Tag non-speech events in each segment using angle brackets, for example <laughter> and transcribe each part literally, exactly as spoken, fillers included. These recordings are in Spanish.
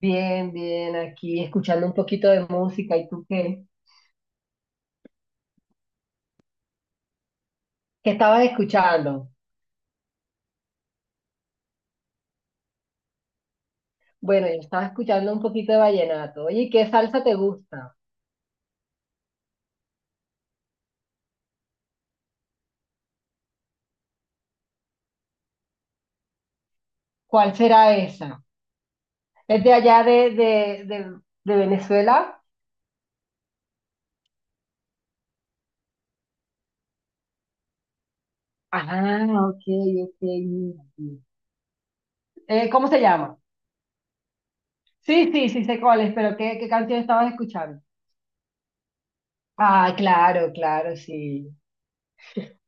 Bien, bien, aquí escuchando un poquito de música. ¿Y tú qué? ¿Qué estabas escuchando? Bueno, yo estaba escuchando un poquito de vallenato. Oye, ¿y ¿qué salsa te gusta? ¿Cuál será esa? ¿Es de allá de, de, de, de Venezuela? Ah, ok, ok. Mira, mira. Eh, ¿cómo se llama? Sí, sí, sí sé cuál es, pero ¿qué, qué canción estabas escuchando? Ah, claro, claro, sí. <laughs>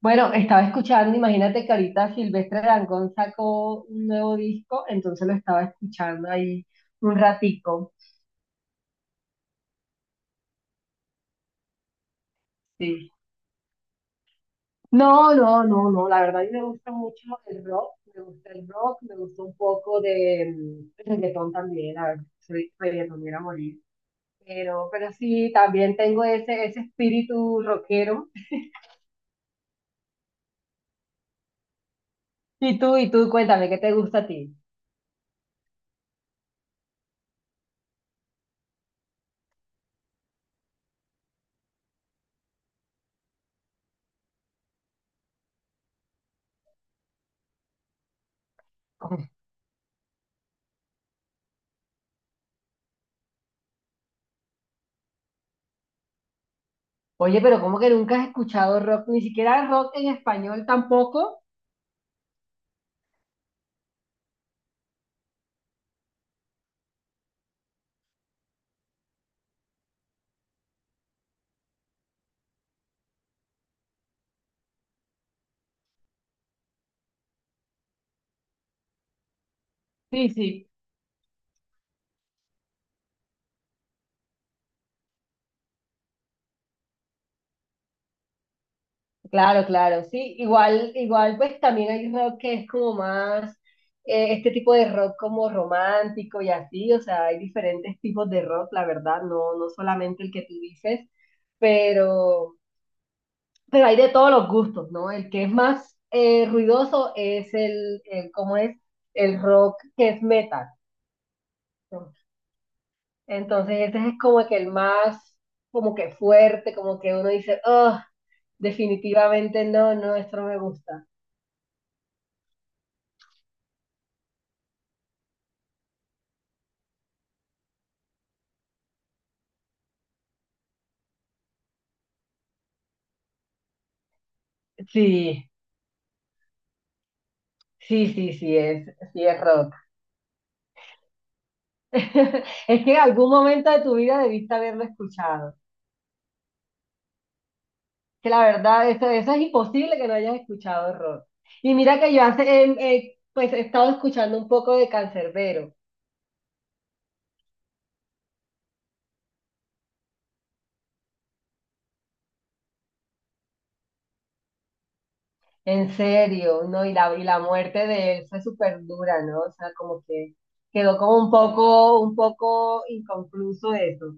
Bueno, estaba escuchando, imagínate que ahorita Silvestre Dangond sacó un nuevo disco, entonces lo estaba escuchando ahí un ratico. Sí. No, no, no, no, la verdad a mí me gusta mucho el rock, me gusta el rock, me gusta un poco de mm, reggaetón también, la verdad, soy reggaetonera a morir. Pero, pero sí, también tengo ese, ese espíritu rockero. <laughs> Y tú, y tú, cuéntame, ¿qué te gusta a ti? Oye, pero ¿cómo que nunca has escuchado rock? Ni siquiera rock en español tampoco. Sí, sí, claro, claro, sí. Igual, igual, pues también hay rock que es como más, eh, este tipo de rock como romántico y así, o sea, hay diferentes tipos de rock, la verdad, no, no solamente el que tú dices, pero, pero hay de todos los gustos, ¿no? El que es más eh, ruidoso es el, el, ¿cómo es? El rock que es metal, ¿no? Entonces, ese es como que el más, como que fuerte, como que uno dice, oh, definitivamente no, no, esto no me gusta. Sí, sí, sí, sí es, sí es rock. <laughs> Es que en algún momento de tu vida debiste haberlo escuchado. Que la verdad, eso, eso es imposible que no hayas escuchado rock. Y mira que yo hace, em, eh, pues he estado escuchando un poco de Cancerbero. ¿En serio, no? Y la, y la muerte de él fue súper dura, ¿no? O sea, como que quedó como un poco, un poco inconcluso eso.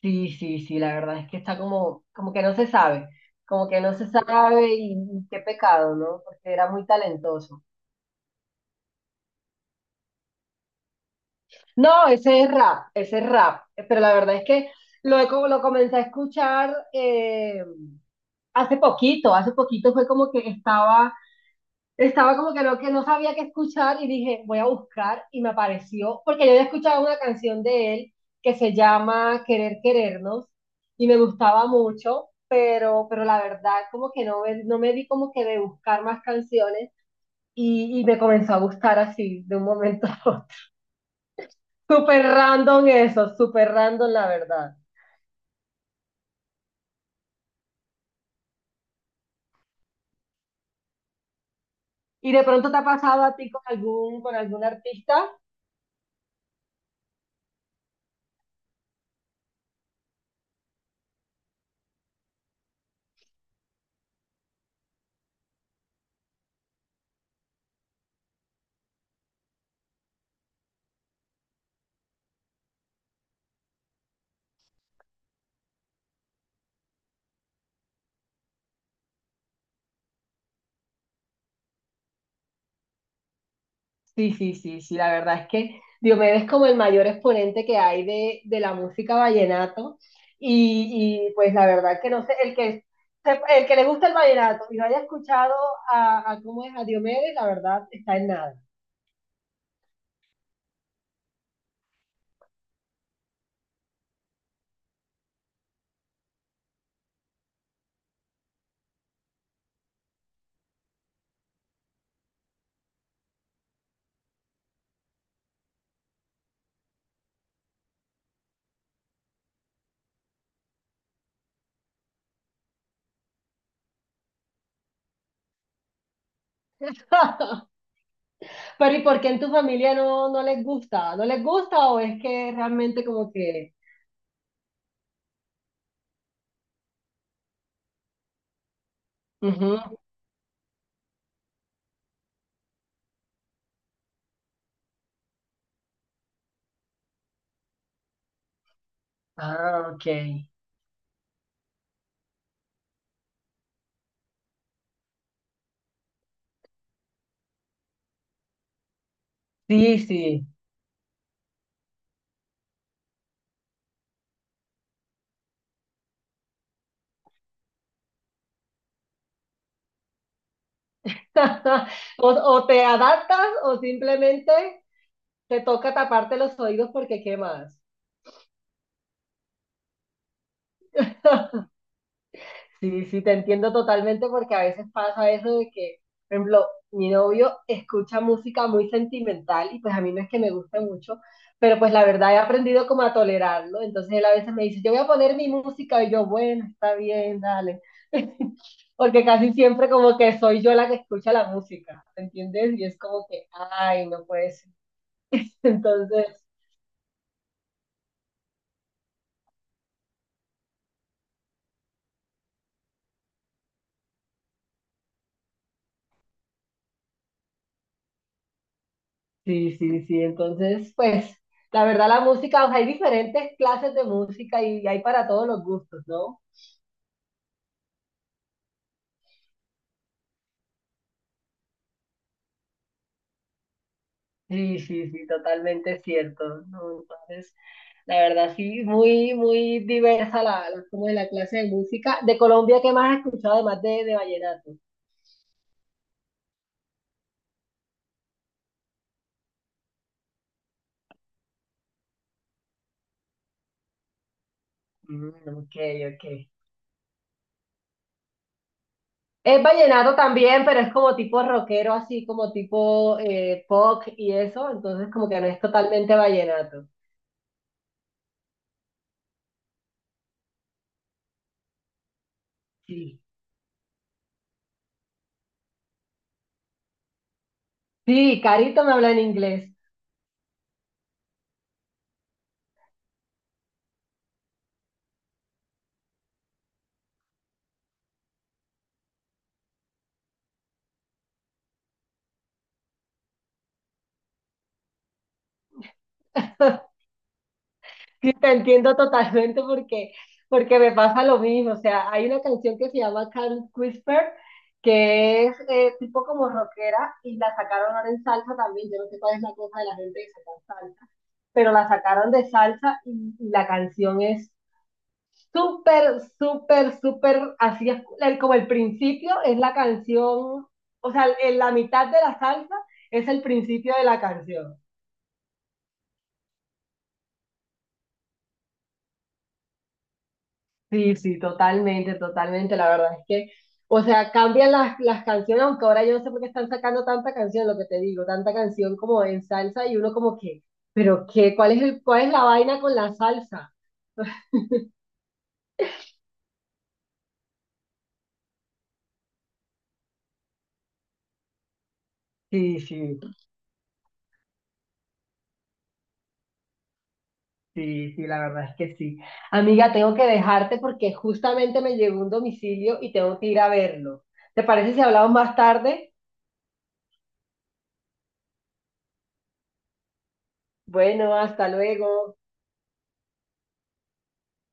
Sí, sí, sí, la verdad es que está como, como que no se sabe, como que no se sabe y, y qué pecado, ¿no? Porque era muy talentoso. No, ese es rap, ese es rap, eh, pero la verdad es que lo, he co- lo comencé a escuchar, eh, hace poquito, hace poquito fue como que estaba. Estaba como que no, que no sabía qué escuchar y dije, voy a buscar y me apareció, porque yo había escuchado una canción de él que se llama Querer Querernos y me gustaba mucho, pero, pero la verdad como que no, me- no me di como que de buscar más canciones y, y me comenzó a gustar así de un momento a otro. <laughs> Súper random eso, súper random la verdad. ¿Y de pronto te ha pasado a ti con algún, con algún artista? Sí, sí, sí, sí, la verdad es que Diomedes es como el mayor exponente que hay de, de la música vallenato y, y, pues la verdad que no sé, el que, se- el que le gusta el vallenato y no haya escuchado a, a cómo es a Diomedes, la verdad está en nada. <laughs> Pero ¿y por qué en tu familia no, no les gusta? ¿No les gusta o es que realmente como que... Ujú. Ah, ok. Sí, sí. <laughs> O, o te adaptas o simplemente te toca taparte los oídos porque ¿qué más? <laughs> Sí, sí, te entiendo totalmente porque a veces pasa eso de que, por ejemplo, mi novio escucha música muy sentimental y pues a mí no es que me guste mucho, pero pues la verdad he aprendido como a tolerarlo. Entonces él a veces me dice, yo voy a poner mi música y yo, bueno, está bien, dale. <laughs> Porque casi siempre como que soy yo la que escucha la música, ¿entiendes? Y es como que, ay, no puede ser. <laughs> Entonces... Sí, sí, sí. Entonces, pues, la verdad, la música, o sea, hay diferentes clases de música y hay para todos los gustos, ¿no? Sí, sí, sí, totalmente cierto, ¿no? Entonces, la verdad, sí, muy, muy diversa la, la- como es la clase de música. De Colombia, ¿qué más has escuchado además de, de vallenato? Mm, ok, ok. Es vallenato también, pero es como tipo rockero, así como tipo eh, pop y eso, entonces como que no es totalmente vallenato. Sí. Sí, Carito me habla en inglés. <laughs> Sí, te entiendo totalmente porque, porque me pasa lo mismo. O sea, hay una canción que se llama Can't Whisper, que es eh, tipo como rockera y la sacaron ahora en salsa también. Yo no sé cuál es la cosa de la gente que saca salsa, pero la sacaron de salsa y, y la canción es súper, súper, súper, así es el- como el principio es la canción, o sea, en la mitad de la salsa es el principio de la canción. Sí, sí, totalmente, totalmente. La verdad es que, o sea, cambian las, las canciones, aunque ahora yo no sé por qué están sacando tanta canción, lo que te digo, tanta canción como en salsa y uno como que, pero qué, ¿cuál es el, cuál es la vaina con la salsa? Sí, sí, sí, sí, la verdad es que sí. Amiga, tengo que dejarte porque justamente me llegó un domicilio y tengo que ir a verlo. ¿Te parece si hablamos más tarde? Bueno, hasta luego.